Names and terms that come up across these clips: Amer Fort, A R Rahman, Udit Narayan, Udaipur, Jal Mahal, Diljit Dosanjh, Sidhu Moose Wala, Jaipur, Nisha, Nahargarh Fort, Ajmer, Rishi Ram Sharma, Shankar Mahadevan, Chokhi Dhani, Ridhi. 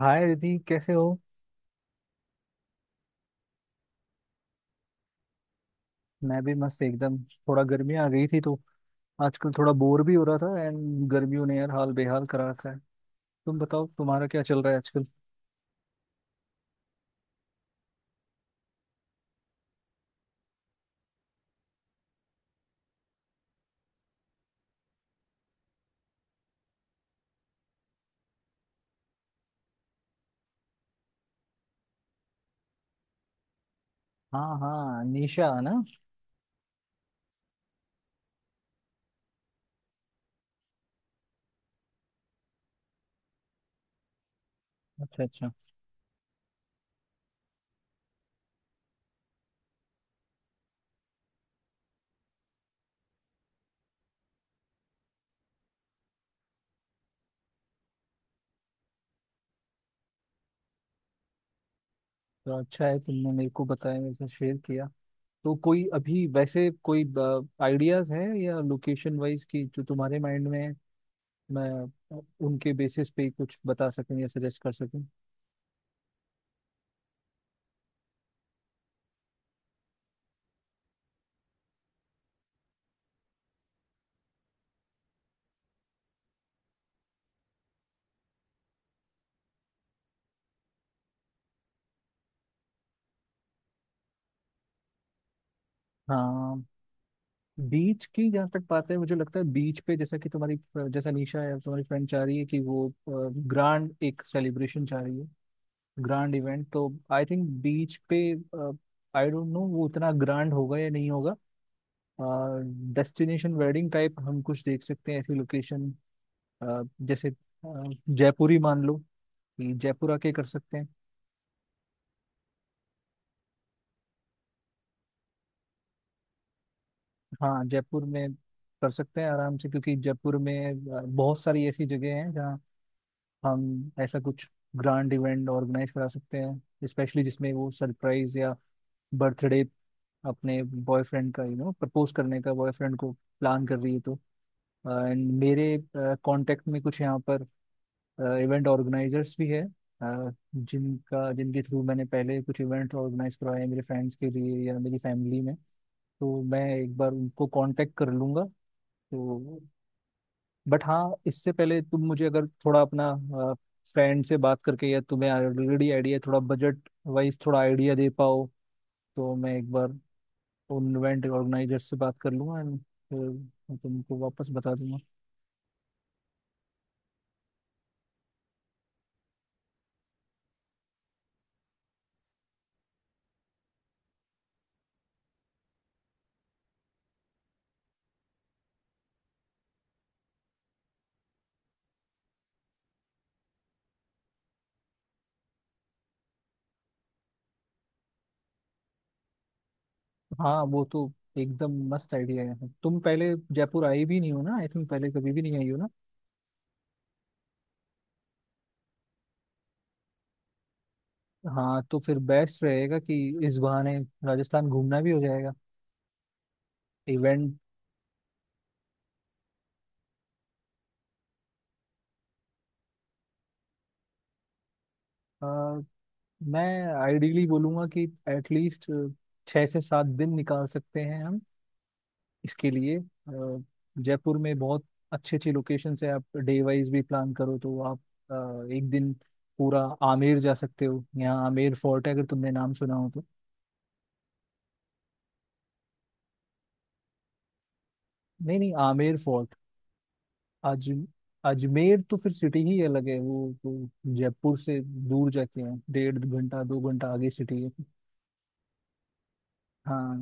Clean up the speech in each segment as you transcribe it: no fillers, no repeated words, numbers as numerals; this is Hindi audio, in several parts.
हाय रिधि कैसे हो। मैं भी मस्त एकदम। थोड़ा गर्मी आ गई थी तो आजकल थोड़ा बोर भी हो रहा था एंड गर्मियों ने यार हाल बेहाल करा रखा है। तुम बताओ तुम्हारा क्या चल रहा है आजकल। हाँ हाँ, निशा ना। अच्छा अच्छा। तो अच्छा है तुमने मेरे को बताया, मेरे साथ शेयर किया। तो कोई अभी वैसे कोई आइडियाज है या लोकेशन वाइज की जो तुम्हारे माइंड में है, मैं उनके बेसिस पे ही कुछ बता सकूं या सजेस्ट कर सकूं। हाँ, बीच की जहाँ तक बात है मुझे लगता है बीच पे, जैसा कि तुम्हारी, जैसा निशा है तुम्हारी फ्रेंड चाह रही है कि वो ग्रांड एक सेलिब्रेशन चाह रही है, ग्रांड इवेंट, तो आई थिंक बीच पे आई डोंट नो वो उतना ग्रांड होगा या नहीं होगा। डेस्टिनेशन वेडिंग टाइप हम कुछ देख सकते हैं ऐसी लोकेशन, जैसे अ, जयपुर ही मान लो कि जयपुर आके कर सकते हैं। हाँ जयपुर में कर सकते हैं आराम से, क्योंकि जयपुर में बहुत सारी ऐसी जगह हैं, हम ऐसा कुछ ग्रांड इवेंट ऑर्गेनाइज करा सकते हैं स्पेशली, जिसमें वो सरप्राइज या बर्थडे अपने बॉयफ्रेंड का प्रपोज करने का बॉयफ्रेंड को प्लान कर रही है तो। एंड मेरे कांटेक्ट में कुछ यहाँ पर इवेंट ऑर्गेनाइजर्स भी है जिनका जिनके थ्रू मैंने पहले कुछ इवेंट ऑर्गेनाइज करवाए हैं मेरे फ्रेंड्स के लिए या मेरी फैमिली में, तो मैं एक बार उनको कांटेक्ट कर लूंगा। तो बट हाँ इससे पहले तुम मुझे अगर थोड़ा अपना फ्रेंड से बात करके या तुम्हें ऑलरेडी आइडिया थोड़ा बजट वाइज थोड़ा आइडिया दे पाओ, तो मैं एक बार उन इवेंट ऑर्गेनाइजर से बात कर लूंगा एंड फिर मैं तुमको वापस बता दूंगा। हाँ वो तो एकदम मस्त आइडिया है, तुम पहले जयपुर आई भी नहीं हो ना, आई थिंक पहले कभी भी नहीं आई हो ना। हाँ तो फिर बेस्ट रहेगा कि इस बहाने राजस्थान घूमना भी हो जाएगा, इवेंट। मैं आइडियली बोलूंगा कि एटलीस्ट 6 से 7 दिन निकाल सकते हैं हम इसके लिए। जयपुर में बहुत अच्छी अच्छी लोकेशन है, आप डे वाइज भी प्लान करो तो आप एक दिन पूरा आमेर जा सकते हो, यहाँ आमेर फोर्ट है अगर तुमने नाम सुना हो तो। नहीं नहीं, आमेर फोर्ट। अज अजमेर तो फिर सिटी ही अलग है वो तो, जयपुर से दूर जाके है, डेढ़ घंटा 2 घंटा आगे सिटी है। हाँ,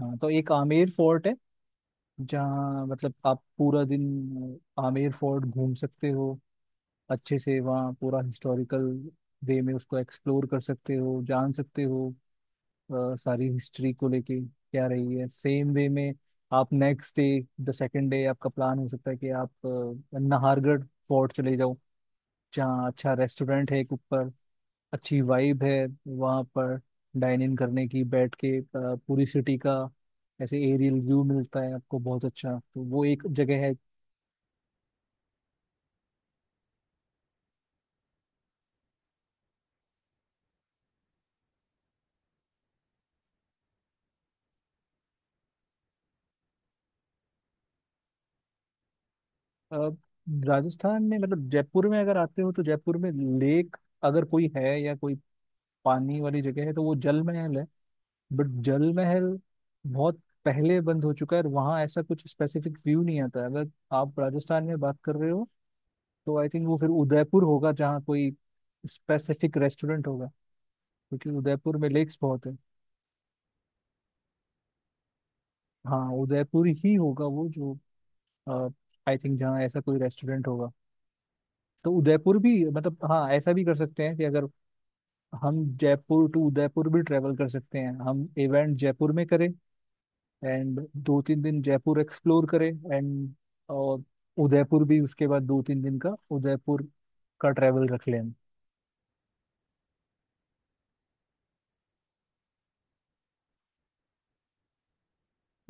हाँ तो एक आमेर फोर्ट है जहाँ मतलब आप पूरा दिन आमेर फोर्ट घूम सकते हो अच्छे से, वहाँ पूरा हिस्टोरिकल वे में उसको एक्सप्लोर कर सकते हो, जान सकते हो सारी हिस्ट्री को लेके क्या रही है, सेम वे में आप next day the second day आपका प्लान हो सकता है कि आप नाहरगढ़ फोर्ट चले जाओ, जहाँ अच्छा रेस्टोरेंट है एक ऊपर, अच्छी वाइब है वहाँ पर डाइन इन करने की, बैठ के पूरी सिटी का ऐसे एरियल व्यू मिलता है आपको बहुत अच्छा, तो वो एक जगह है। अ, राजस्थान में मतलब जयपुर में अगर आते हो तो जयपुर में लेक अगर कोई है या कोई पानी वाली जगह है तो वो जल में है, बट जल महल बहुत पहले बंद हो चुका है और वहाँ ऐसा कुछ स्पेसिफिक व्यू नहीं आता है। अगर आप राजस्थान में बात कर रहे हो तो आई थिंक वो फिर उदयपुर होगा जहाँ कोई स्पेसिफिक रेस्टोरेंट होगा, क्योंकि उदयपुर में लेक्स बहुत है। हाँ उदयपुर ही होगा वो जो, आई थिंक जहाँ ऐसा कोई रेस्टोरेंट होगा, तो उदयपुर भी, मतलब हाँ ऐसा भी कर सकते हैं कि अगर हम जयपुर टू उदयपुर भी ट्रेवल कर सकते हैं, हम इवेंट जयपुर में करें एंड 2 3 दिन जयपुर एक्सप्लोर करें एंड और उदयपुर भी उसके बाद 2 3 दिन का उदयपुर का ट्रैवल रख लें।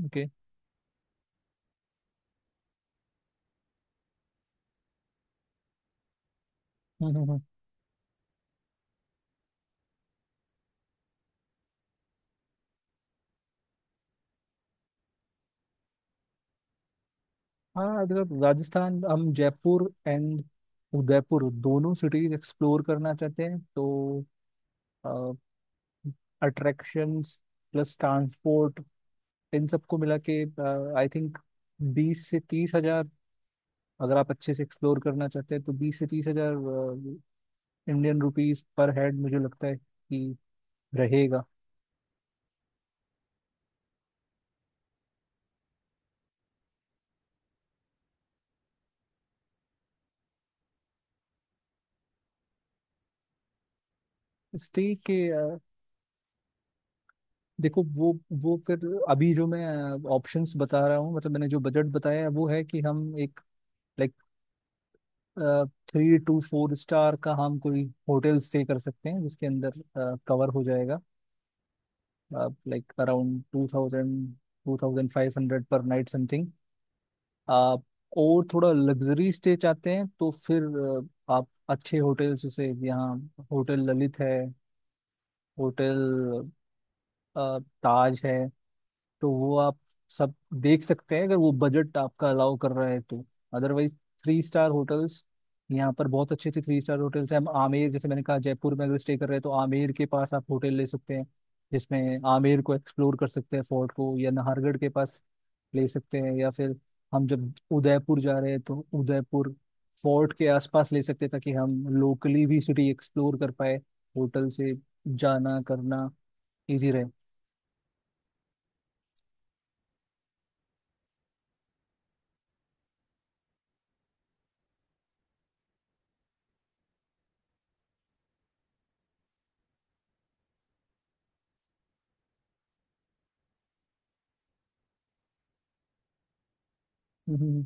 ओके। हम्म हम्म हम्म। हाँ मतलब राजस्थान हम जयपुर एंड उदयपुर दोनों सिटीज एक्सप्लोर करना चाहते हैं, तो अट्रैक्शंस प्लस ट्रांसपोर्ट इन सबको मिला के आई थिंक 20 से 30 हज़ार, अगर आप अच्छे से एक्सप्लोर करना चाहते हैं तो 20 से 30 हज़ार इंडियन रुपीस पर हेड मुझे लगता है कि रहेगा। स्टे के देखो, वो फिर, अभी जो मैं ऑप्शंस बता रहा हूँ, मतलब मैंने जो बजट बताया है वो है कि हम एक लाइक 3 to 4 स्टार का हम कोई होटल स्टे कर सकते हैं, जिसके अंदर कवर हो जाएगा लाइक अराउंड 2000 2500 पर नाइट समथिंग। और थोड़ा लग्जरी स्टे चाहते हैं तो फिर आप अच्छे होटल जैसे यहाँ होटल ललित है, होटल ताज है, तो वो आप सब देख सकते हैं अगर वो बजट आपका अलाउ कर रहा है तो। अदरवाइज 3 स्टार होटल्स, यहाँ पर बहुत अच्छे अच्छे 3 स्टार होटल्स हैं, हम आमेर, जैसे मैंने कहा जयपुर में अगर स्टे कर रहे हैं तो आमेर के पास आप होटल ले सकते हैं जिसमें आमेर को एक्सप्लोर कर सकते हैं, फोर्ट को, या नाहरगढ़ के पास ले सकते हैं, या फिर हम जब उदयपुर जा रहे हैं तो उदयपुर फोर्ट के आसपास ले सकते हैं, ताकि हम लोकली भी सिटी एक्सप्लोर कर पाए होटल से, जाना करना इजी रहे। हम्म,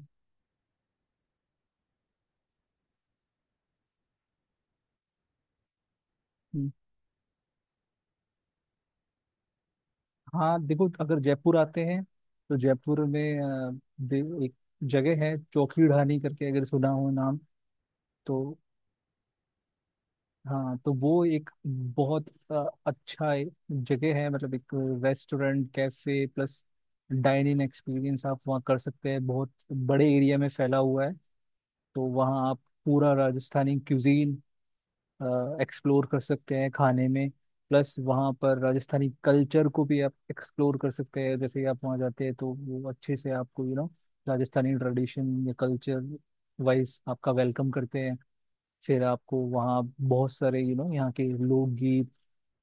हम्म। हाँ देखो अगर जयपुर आते हैं तो जयपुर में एक जगह है चौकी ढाणी करके, अगर सुना हो नाम तो। हाँ तो वो एक बहुत अच्छा जगह है, मतलब एक restaurant cafe plus dining experience आप वहाँ कर सकते हैं, बहुत बड़े एरिया में फैला हुआ है। तो वहाँ आप पूरा राजस्थानी क्यूजीन एक्सप्लोर कर सकते हैं खाने में, प्लस वहाँ पर राजस्थानी कल्चर को भी आप एक्सप्लोर कर सकते हैं, जैसे ही आप वहाँ जाते हैं तो वो अच्छे से आपको राजस्थानी ट्रेडिशन या कल्चर वाइज आपका वेलकम करते हैं। फिर आपको वहाँ बहुत सारे यहाँ के लोकगीत,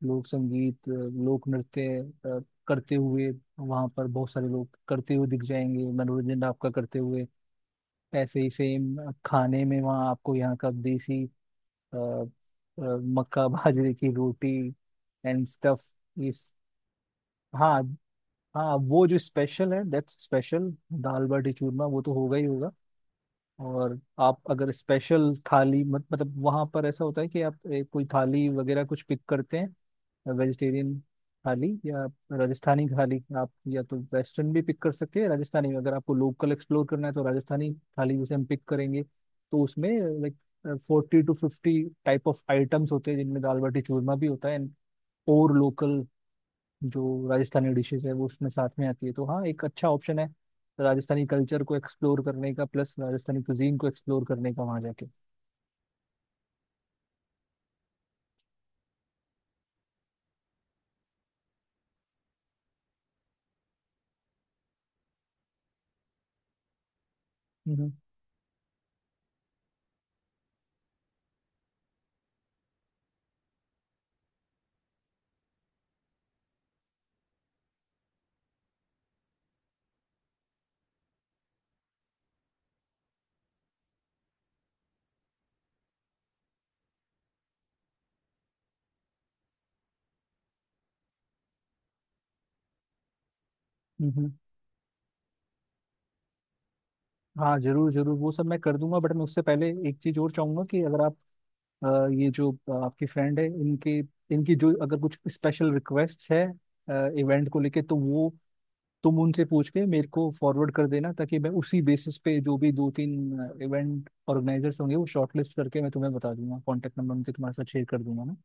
लोक संगीत, लोक नृत्य अ, करते हुए वहाँ पर बहुत सारे लोग करते हुए दिख जाएंगे, मनोरंजन आपका करते हुए। ऐसे ही सेम खाने में वहाँ आपको यहाँ का देसी अ, अ, मक्का बाजरे की रोटी एंड स्टफ। इस हाँ हाँ, वो जो स्पेशल है दैट्स स्पेशल, दाल बाटी चूरमा वो तो होगा ही होगा। और आप अगर स्पेशल थाली, मत मतलब वहाँ पर ऐसा होता है कि आप कोई थाली वगैरह कुछ पिक करते हैं, वेजिटेरियन थाली या राजस्थानी थाली, आप या तो वेस्टर्न भी पिक कर सकते हैं राजस्थानी, अगर आपको लोकल एक्सप्लोर करना है तो राजस्थानी थाली जैसे हम पिक करेंगे तो उसमें like 40 to 50 type of items होते हैं जिनमें दाल बाटी चूरमा भी होता है एंड। और लोकल जो राजस्थानी डिशेज है वो उसमें साथ में आती है, तो हाँ एक अच्छा ऑप्शन है राजस्थानी कल्चर को एक्सप्लोर करने का, प्लस राजस्थानी कुजीन को एक्सप्लोर करने का वहाँ जाके। हम्म हम्म। हाँ जरूर जरूर वो सब मैं कर दूंगा, बट मैं उससे पहले एक चीज और चाहूंगा कि अगर आप ये जो आपकी फ्रेंड है इनके, इनकी जो अगर कुछ स्पेशल रिक्वेस्ट है इवेंट को लेके, तो वो तुम उनसे पूछ के मेरे को फॉरवर्ड कर देना, ताकि मैं उसी बेसिस पे जो भी 2 3 इवेंट ऑर्गेनाइजर्स होंगे वो शॉर्टलिस्ट करके मैं तुम्हें बता दूंगा, कांटेक्ट नंबर उनके तुम्हारे साथ शेयर कर दूंगा ना।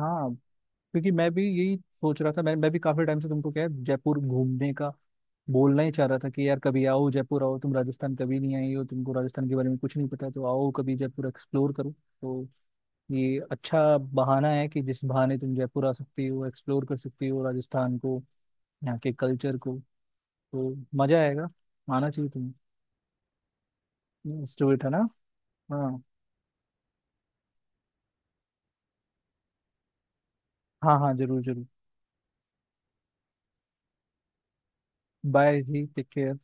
हाँ, क्योंकि मैं भी यही सोच रहा था, मैं भी काफी टाइम से तुमको, क्या है, जयपुर घूमने का बोलना ही चाह रहा था कि यार कभी आओ जयपुर, आओ, तुम राजस्थान कभी नहीं आई हो, तुमको राजस्थान के बारे में कुछ नहीं पता, तो आओ कभी जयपुर एक्सप्लोर करो। तो ये अच्छा बहाना है कि जिस बहाने तुम जयपुर आ सकती हो, एक्सप्लोर कर सकती हो राजस्थान को, यहाँ के कल्चर को, तो मजा आएगा, आना चाहिए तुम्हें। स्टूडेंट है ना। हाँ। हाँ हाँ जरूर जरूर। बाय जी, टेक केयर।